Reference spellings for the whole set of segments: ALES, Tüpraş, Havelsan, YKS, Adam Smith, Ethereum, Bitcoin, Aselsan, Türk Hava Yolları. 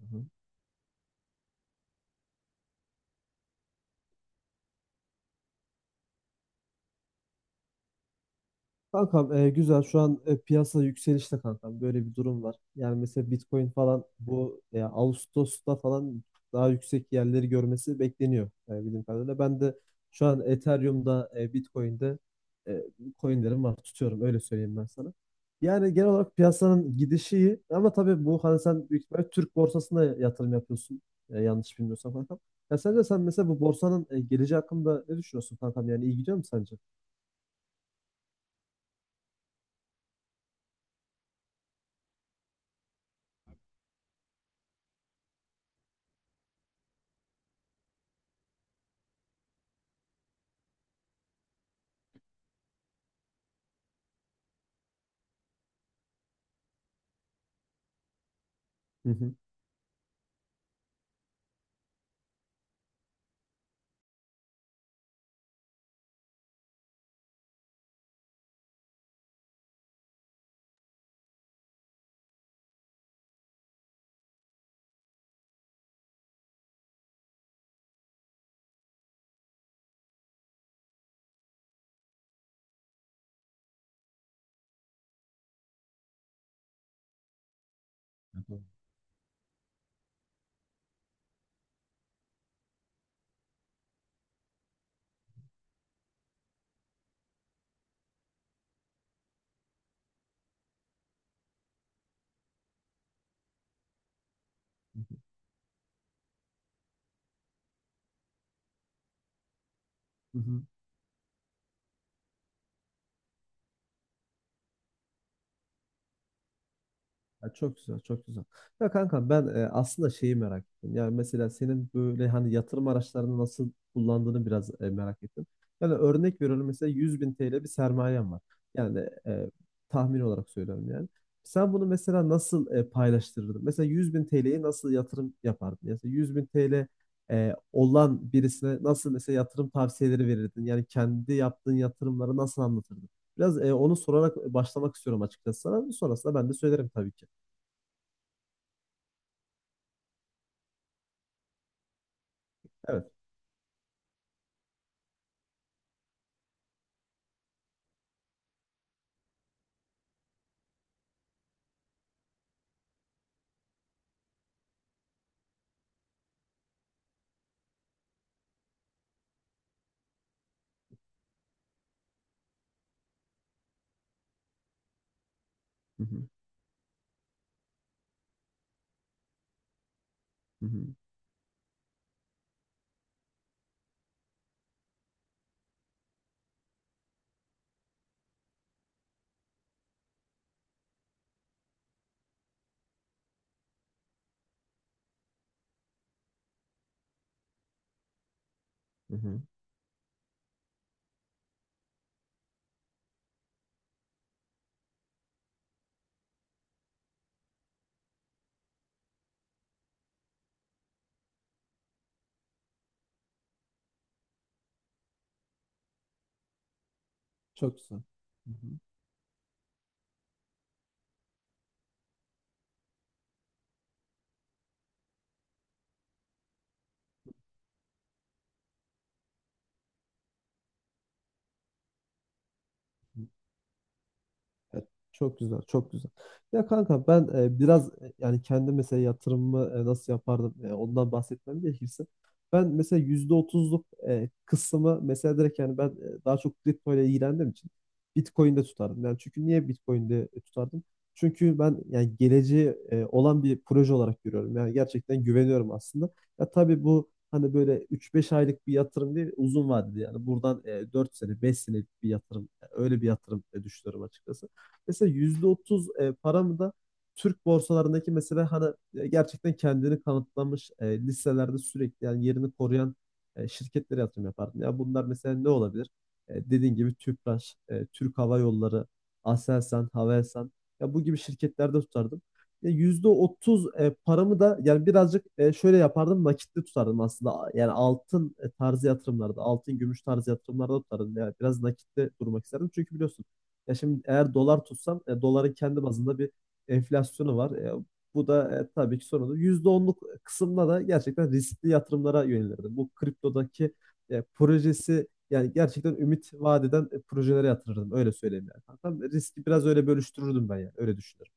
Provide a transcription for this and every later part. Hı hı. Kankam, güzel şu an, piyasa yükselişte kankam, böyle bir durum var. Yani mesela Bitcoin falan bu, Ağustos'ta falan daha yüksek yerleri görmesi bekleniyor, bildiğim kadarıyla. Ben de şu an Ethereum'da, Bitcoin'de, e, coinlerim var, tutuyorum öyle söyleyeyim ben sana. Yani genel olarak piyasanın gidişi iyi, ama tabii bu hani sen büyük ihtimalle Türk borsasına yatırım yapıyorsun, yanlış bilmiyorsam kankam. Ya sence sen mesela bu borsanın geleceği hakkında ne düşünüyorsun kankam, yani iyi gidiyor mu sence? Hı hı. Hı hı. Ya çok güzel, çok güzel. Ya kanka ben aslında şeyi merak ettim. Yani mesela senin böyle hani yatırım araçlarını nasıl kullandığını biraz merak ettim. Yani örnek veriyorum, mesela 100.000 TL bir sermayem var. Yani tahmin olarak söylüyorum yani. Sen bunu mesela nasıl paylaştırırdın? Mesela 100.000 TL'yi nasıl yatırım yapardın? Mesela 100.000 TL olan birisine nasıl mesela yatırım tavsiyeleri verirdin? Yani kendi yaptığın yatırımları nasıl anlatırdın? Biraz onu sorarak başlamak istiyorum açıkçası sana. Sonrasında ben de söylerim tabii ki. Evet. Hı hı. Hı hı. Hı hı. Çok güzel. Hı hı. Hı. Ya çok güzel, çok güzel. Ya kanka ben, biraz, yani kendi mesela yatırımımı, nasıl yapardım, ondan bahsetmem gerekirse. Ben mesela %30'luk kısmı mesela direkt, yani ben daha çok kripto ile ilgilendiğim için Bitcoin'de tutardım. Yani çünkü niye Bitcoin'de tutardım? Çünkü ben yani geleceği olan bir proje olarak görüyorum. Yani gerçekten güveniyorum aslında. Ya tabii bu hani böyle üç beş aylık bir yatırım değil, uzun vadeli yani buradan 4 sene, 5 senelik bir yatırım. Yani öyle bir yatırım düşünüyorum açıkçası. Mesela %30 paramı da Türk borsalarındaki mesela hani gerçekten kendini kanıtlamış, listelerde sürekli yani yerini koruyan şirketlere yatırım yapardım. Ya bunlar mesela ne olabilir? Dediğin gibi Tüpraş, Türk Hava Yolları, Aselsan, Havelsan, ya bu gibi şirketlerde tutardım. Ya %30 paramı da yani birazcık şöyle yapardım, nakitli tutardım aslında. Yani altın tarzı yatırımlarda, altın gümüş tarzı yatırımlarda tutardım. Yani biraz nakitli durmak isterdim. Çünkü biliyorsun ya, şimdi eğer dolar tutsam doların kendi bazında bir enflasyonu var. Bu da tabii ki sorunlu. Yüzde onluk kısımda da gerçekten riskli yatırımlara yönelirdim. Bu kriptodaki projesi yani gerçekten ümit vaat eden projelere yatırırdım. Öyle söyleyeyim yani. Hatta riski biraz öyle bölüştürürdüm ben yani. Öyle düşünüyorum.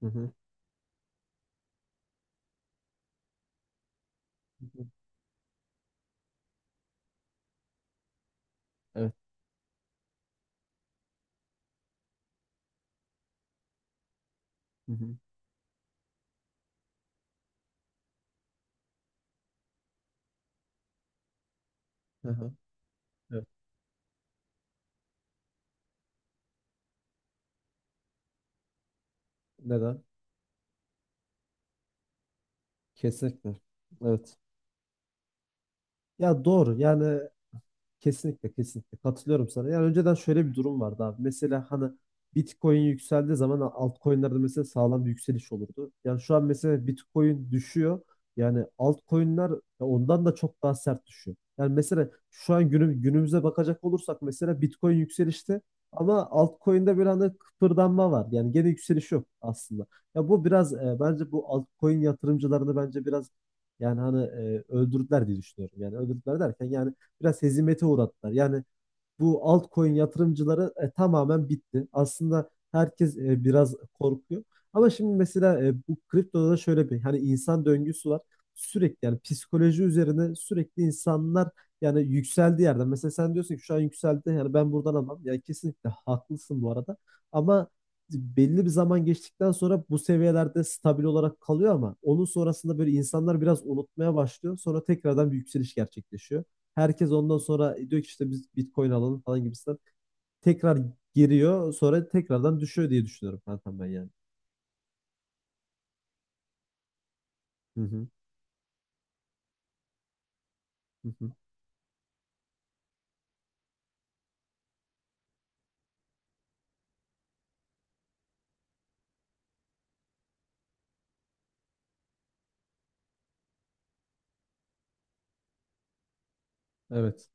Hı hı. Hı hı. Evet. Hı hı. Hı hı. Evet. Neden? Kesinlikle. Evet. Ya doğru yani. Kesinlikle kesinlikle katılıyorum sana. Yani önceden şöyle bir durum vardı abi. Mesela hani Bitcoin yükseldiği zaman altcoin'lerde mesela sağlam bir yükseliş olurdu. Yani şu an mesela Bitcoin düşüyor. Yani altcoin'ler ondan da çok daha sert düşüyor. Yani mesela şu an günümüze bakacak olursak mesela Bitcoin yükselişte, ama altcoin'de bir anda kıpırdanma var. Yani gene yükseliş yok aslında. Ya bu biraz, bence bu altcoin yatırımcılarını bence biraz, yani hani öldürdüler diye düşünüyorum. Yani öldürdüler derken yani biraz hezimete uğrattılar. Yani bu altcoin yatırımcıları tamamen bitti. Aslında herkes biraz korkuyor. Ama şimdi mesela bu kriptoda da şöyle bir hani insan döngüsü var. Sürekli yani psikoloji üzerine sürekli insanlar yani yükseldiği yerden. Mesela sen diyorsun ki şu an yükseldi, yani ben buradan alamam. Yani kesinlikle haklısın bu arada. Ama belli bir zaman geçtikten sonra bu seviyelerde stabil olarak kalıyor, ama onun sonrasında böyle insanlar biraz unutmaya başlıyor. Sonra tekrardan bir yükseliş gerçekleşiyor. Herkes ondan sonra diyor ki işte biz Bitcoin alalım falan gibisinden. Tekrar giriyor, sonra tekrardan düşüyor diye düşünüyorum kankam ben yani. Hı hı, hı hı. Evet.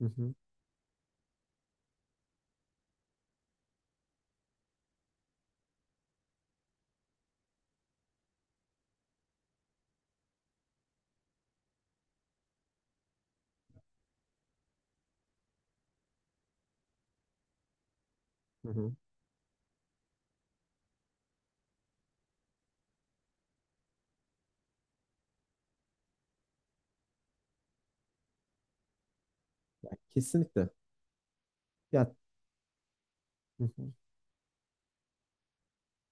Hı hı, hı hı. Ya kesinlikle. Ya, hı hı.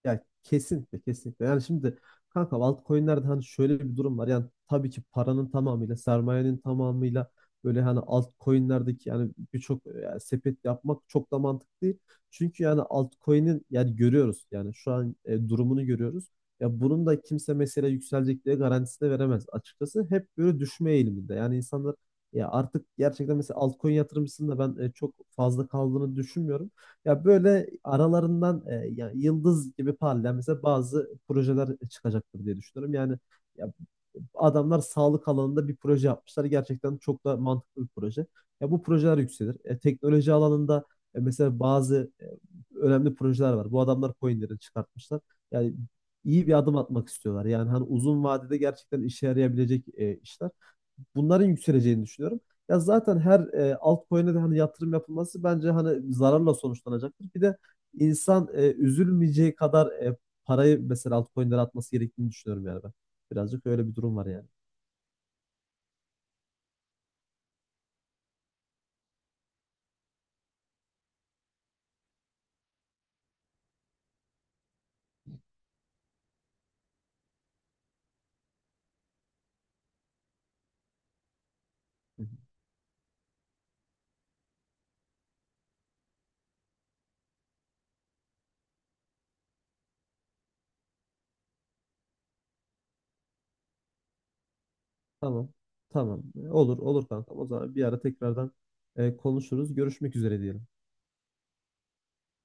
Ya kesinlikle kesinlikle. Yani şimdi kanka altcoin'lerde hani şöyle bir durum var. Yani tabii ki paranın tamamıyla, sermayenin tamamıyla böyle hani altcoin'lerdeki yani birçok, yani sepet yapmak çok da mantıklı değil. Çünkü yani altcoin'in yani görüyoruz, yani şu an durumunu görüyoruz. Ya bunun da kimse mesela yükselecek diye garantisi de veremez açıkçası. Hep böyle düşme eğiliminde. Yani insanlar ya artık gerçekten mesela altcoin yatırımcısının da ben çok fazla kaldığını düşünmüyorum. Ya böyle aralarından, ya yıldız gibi parlayan mesela bazı projeler çıkacaktır diye düşünüyorum. Yani ya adamlar sağlık alanında bir proje yapmışlar. Gerçekten çok da mantıklı bir proje. Ya bu projeler yükselir. Teknoloji alanında mesela bazı önemli projeler var. Bu adamlar coinleri çıkartmışlar. Yani iyi bir adım atmak istiyorlar. Yani hani uzun vadede gerçekten işe yarayabilecek işler. Bunların yükseleceğini düşünüyorum. Ya zaten her altcoin'e de hani yatırım yapılması bence hani zararla sonuçlanacaktır. Bir de insan üzülmeyeceği kadar parayı mesela altcoin'lere atması gerektiğini düşünüyorum yani ben. Birazcık öyle bir durum var yani. Hı hı. Tamam. Tamam. Olur, olur kanka. O zaman bir ara tekrardan konuşuruz. Görüşmek üzere diyelim.